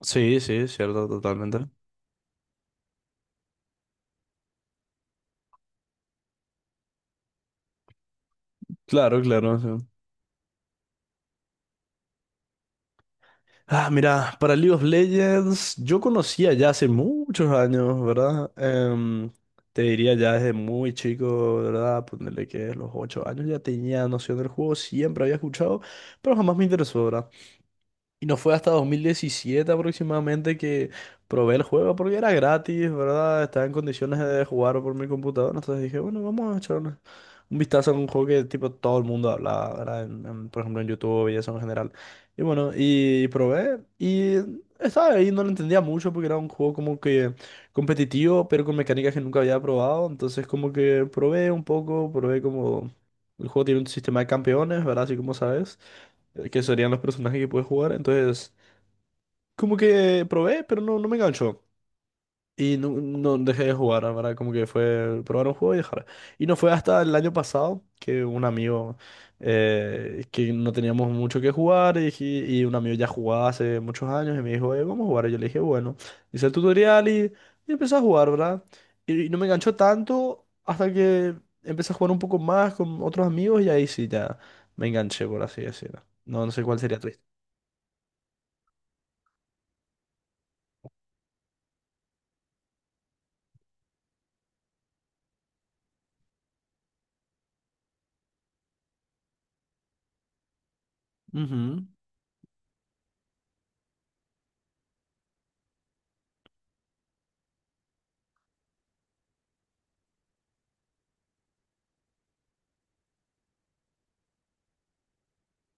Sí, sí, cierto, totalmente. Claro, claro. Sí. Ah, mira, para League of Legends, yo conocía ya hace muchos años, ¿verdad? Te diría ya desde muy chico, ¿verdad? Ponerle que los 8 años ya tenía noción del juego, siempre había escuchado, pero jamás me interesó, ¿verdad? Y no fue hasta 2017 aproximadamente que probé el juego porque era gratis, ¿verdad? Estaba en condiciones de jugar por mi computadora. Entonces dije, bueno, vamos a echar una- un vistazo a un juego que tipo todo el mundo hablaba, ¿verdad? Por ejemplo, en YouTube y eso en general. Y bueno, y probé y estaba ahí, no lo entendía mucho porque era un juego como que competitivo, pero con mecánicas que nunca había probado. Entonces como que probé un poco, probé como... El juego tiene un sistema de campeones, ¿verdad? Así como sabes que serían los personajes que puedes jugar. Entonces, como que probé, pero no, no me enganchó. Y no, no dejé de jugar, la ¿verdad? Como que fue probar un juego y dejar. Y no fue hasta el año pasado que un amigo, que no teníamos mucho que jugar, y, dije- y un amigo ya jugaba hace muchos años y me dijo, vamos a jugar. Y yo le dije, bueno, hice el tutorial y, empecé a jugar, ¿verdad? Y no me enganchó tanto hasta que empecé a jugar un poco más con otros amigos y ahí sí ya me enganché, por así decirlo. No, no sé cuál sería tu. Ujú.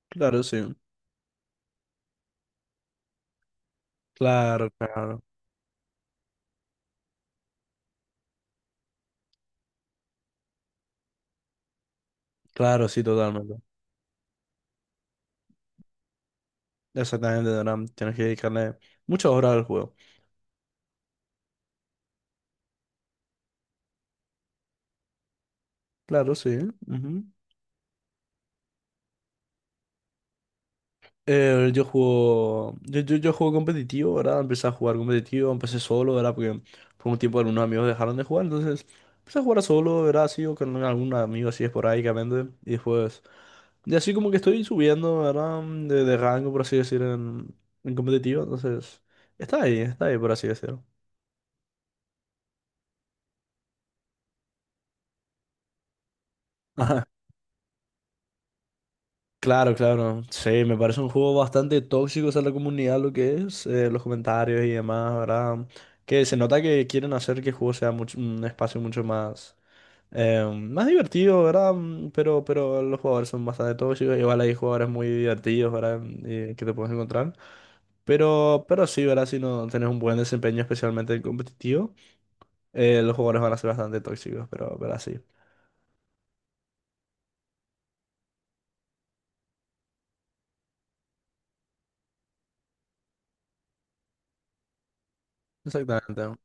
Claro, sí. Claro, claro. Claro, sí, totalmente. Exactamente, Doram. Tienes que dedicarle muchas horas al juego. Claro, sí. Ujú. Yo juego. Yo juego competitivo, ¿verdad? Empecé a jugar competitivo, empecé solo, ¿verdad? Porque por un tiempo algunos amigos dejaron de jugar, entonces empecé a jugar solo, ¿verdad? Así o con algún amigo así esporádicamente. Y después. Y así como que estoy subiendo, ¿verdad? De rango, por así decir, en, competitivo. Entonces. Está ahí, por así decirlo. Claro, claro. Sí, me parece un juego bastante tóxico, o sea, la comunidad, lo que es, los comentarios y demás, ¿verdad? Que se nota que quieren hacer que el juego sea mucho, un espacio mucho más, más divertido, ¿verdad? Pero los jugadores son bastante tóxicos, igual hay jugadores muy divertidos, ¿verdad? Y que te puedes encontrar. Pero sí, ¿verdad? Si no tenés un buen desempeño, especialmente en competitivo, los jugadores van a ser bastante tóxicos, pero así. Exactamente.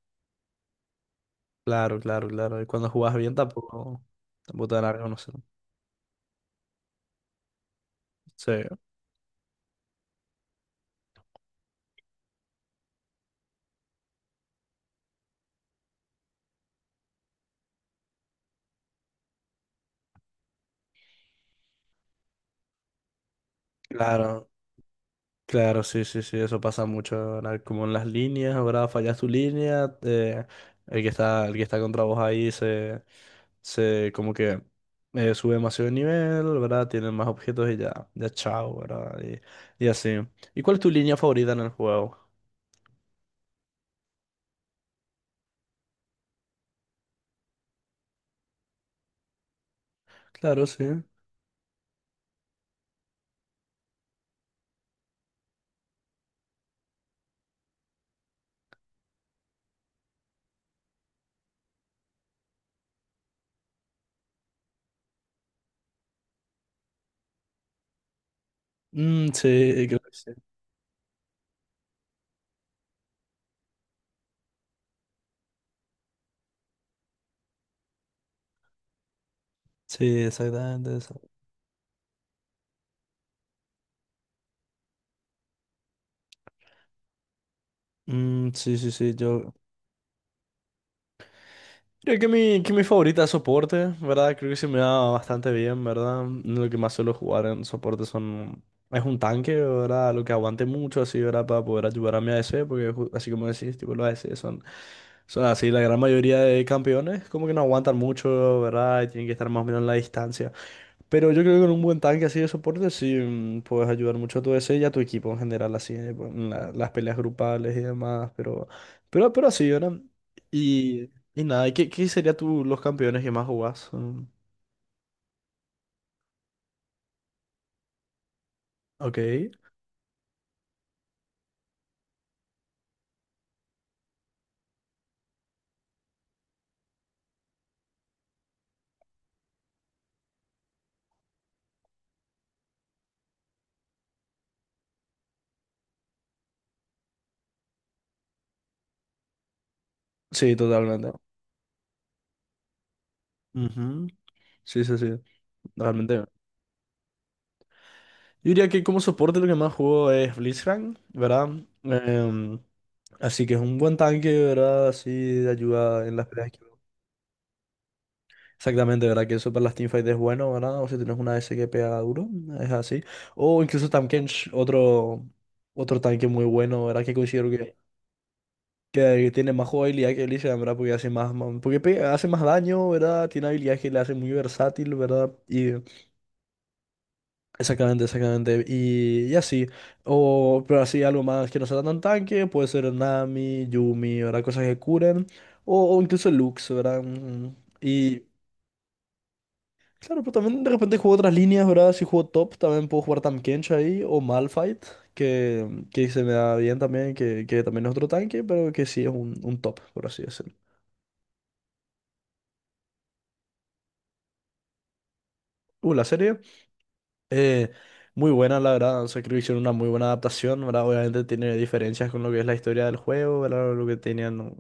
Claro, claro, claro. Y cuando jugás bien tampoco, tampoco te van a reconocer. Sí, claro, claro, sí, sí, sí, eso pasa mucho, ahora como en las líneas, ahora fallas tu línea, el que está contra vos ahí se como que sube demasiado de nivel, ¿verdad? Tienen más objetos y ya, ya chao, ¿verdad? Y así. ¿Y cuál es tu línea favorita en el juego? Claro, sí. Mm, sí, creo que sí. Sí, exactamente eso. Mm, sí, sí, sí, yo. Creo que mi favorita es soporte, ¿verdad? Creo que se me da bastante bien, ¿verdad? Lo que más suelo jugar en soporte son... Es un tanque, ¿verdad? Lo que aguante mucho, así, ¿verdad? Para poder ayudar a mi a ADC, porque ju- así como decís, tipo, los a ADC son... Son así, la gran mayoría de campeones como que no aguantan mucho, ¿verdad? Y tienen que estar más o menos en la distancia. Pero yo creo que con un buen tanque así de soporte sí puedes ayudar mucho a tu DC y a tu equipo en general, así pues, en la- las peleas grupales y demás, pero, pero así, ¿verdad? Y nada, ¿qué, qué serían tú los campeones que más jugás? Mm. Ok. Sí, totalmente. Ujú. Sí, sí, sí, realmente. Yo diría que como soporte lo que más juego es Blitzcrank, ¿verdad? Em, Así que es un buen tanque, ¿verdad? Así de ayuda en las peleas. Exactamente, ¿verdad? Que eso para las teamfights es bueno, ¿verdad? O si tienes una S que pega duro, es así. O incluso Tamkench, otro, otro tanque muy bueno, ¿verdad? Que considero que, tiene más jugabilidad que Elysian, ¿verdad? Porque hace más, más- porque pe- hace más daño, ¿verdad? Tiene habilidades que le hacen muy versátil, ¿verdad? Y exactamente, exactamente. Y así. O, pero así algo más que no sea tan tanque, puede ser Nami, Yumi, ¿verdad? Cosas que curen. o, incluso Lux, ¿verdad? Y claro, pero también de repente juego otras líneas, ¿verdad? Si juego top, también puedo jugar Tamkench ahí, o Malphite, que, se me da bien también, que también es otro tanque, pero que sí es un top, por así decirlo. La serie, eh, muy buena, la verdad. O sea, creo que hicieron una muy buena adaptación, ¿verdad? Obviamente tiene diferencias con lo que es la historia del juego, ¿verdad? Lo que tenían, ¿no?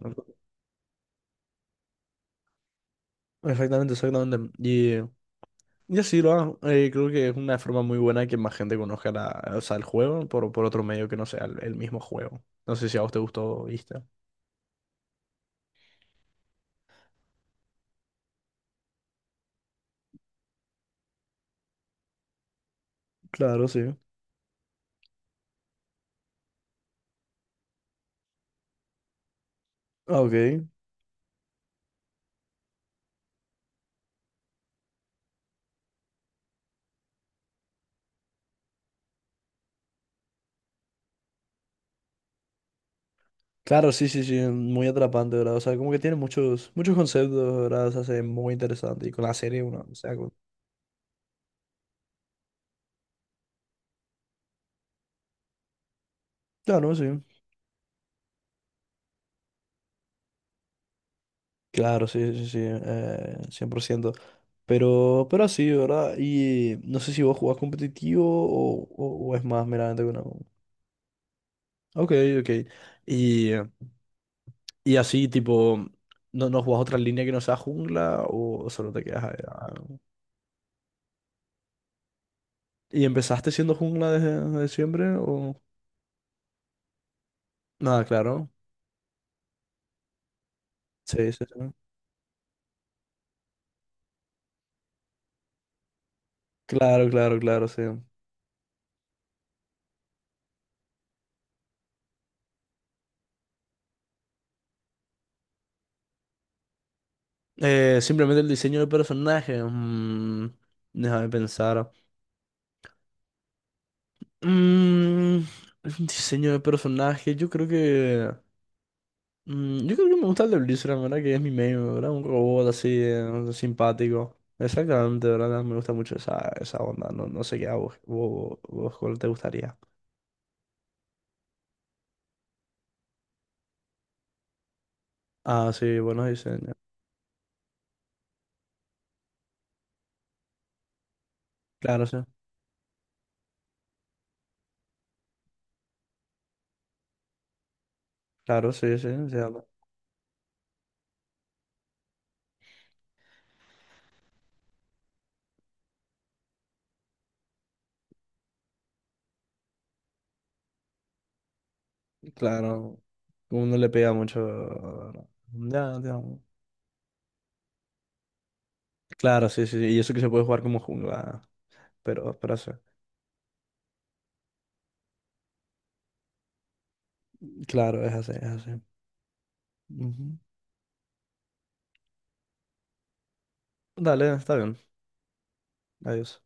Exactamente, exactamente. Y así, ¿verdad? Creo que es una forma muy buena que más gente conozca la, o sea, el juego por, otro medio que no sea el mismo juego. No sé si a vos te gustó, ¿viste? Claro, sí. Ah, ok. Claro, sí, sí, sí, muy atrapante, ¿verdad? O sea, como que tiene muchos, muchos conceptos, ¿verdad? Se hace muy interesante. Y con la serie, uno, o sea, con-. Claro, sí. Claro, sí, sí, sí, 100%. Pero, así, ¿verdad? Y no sé si vos jugás competitivo o es más meramente una... Ok, ok. Y, y así, tipo, ¿no, no jugás otra línea que no sea jungla o solo te quedas ahí? Ah? ¿Y empezaste siendo jungla desde siempre o...? Nada, claro. Sí, sí, sí. Claro, claro, claro, sí. Simplemente el diseño de personaje. Déjame pensar. Mm, el diseño de personaje, yo creo que. Yo creo que me gusta el de Blizzard, ¿verdad? Que es mi main, ¿verdad? Un robot así, simpático. Exactamente, ¿verdad? Me gusta mucho esa, onda. No, no sé qué a vos cuál te gustaría. Ah, sí, buenos diseños. Claro, sí. Claro, sí, sí. Sí, claro. Uno le pega mucho. Ya, ya. Claro, sí, sí, sí, y eso que se puede jugar como jungla, pero, eso, claro, es así, es así. Ujú. Dale, está bien, adiós.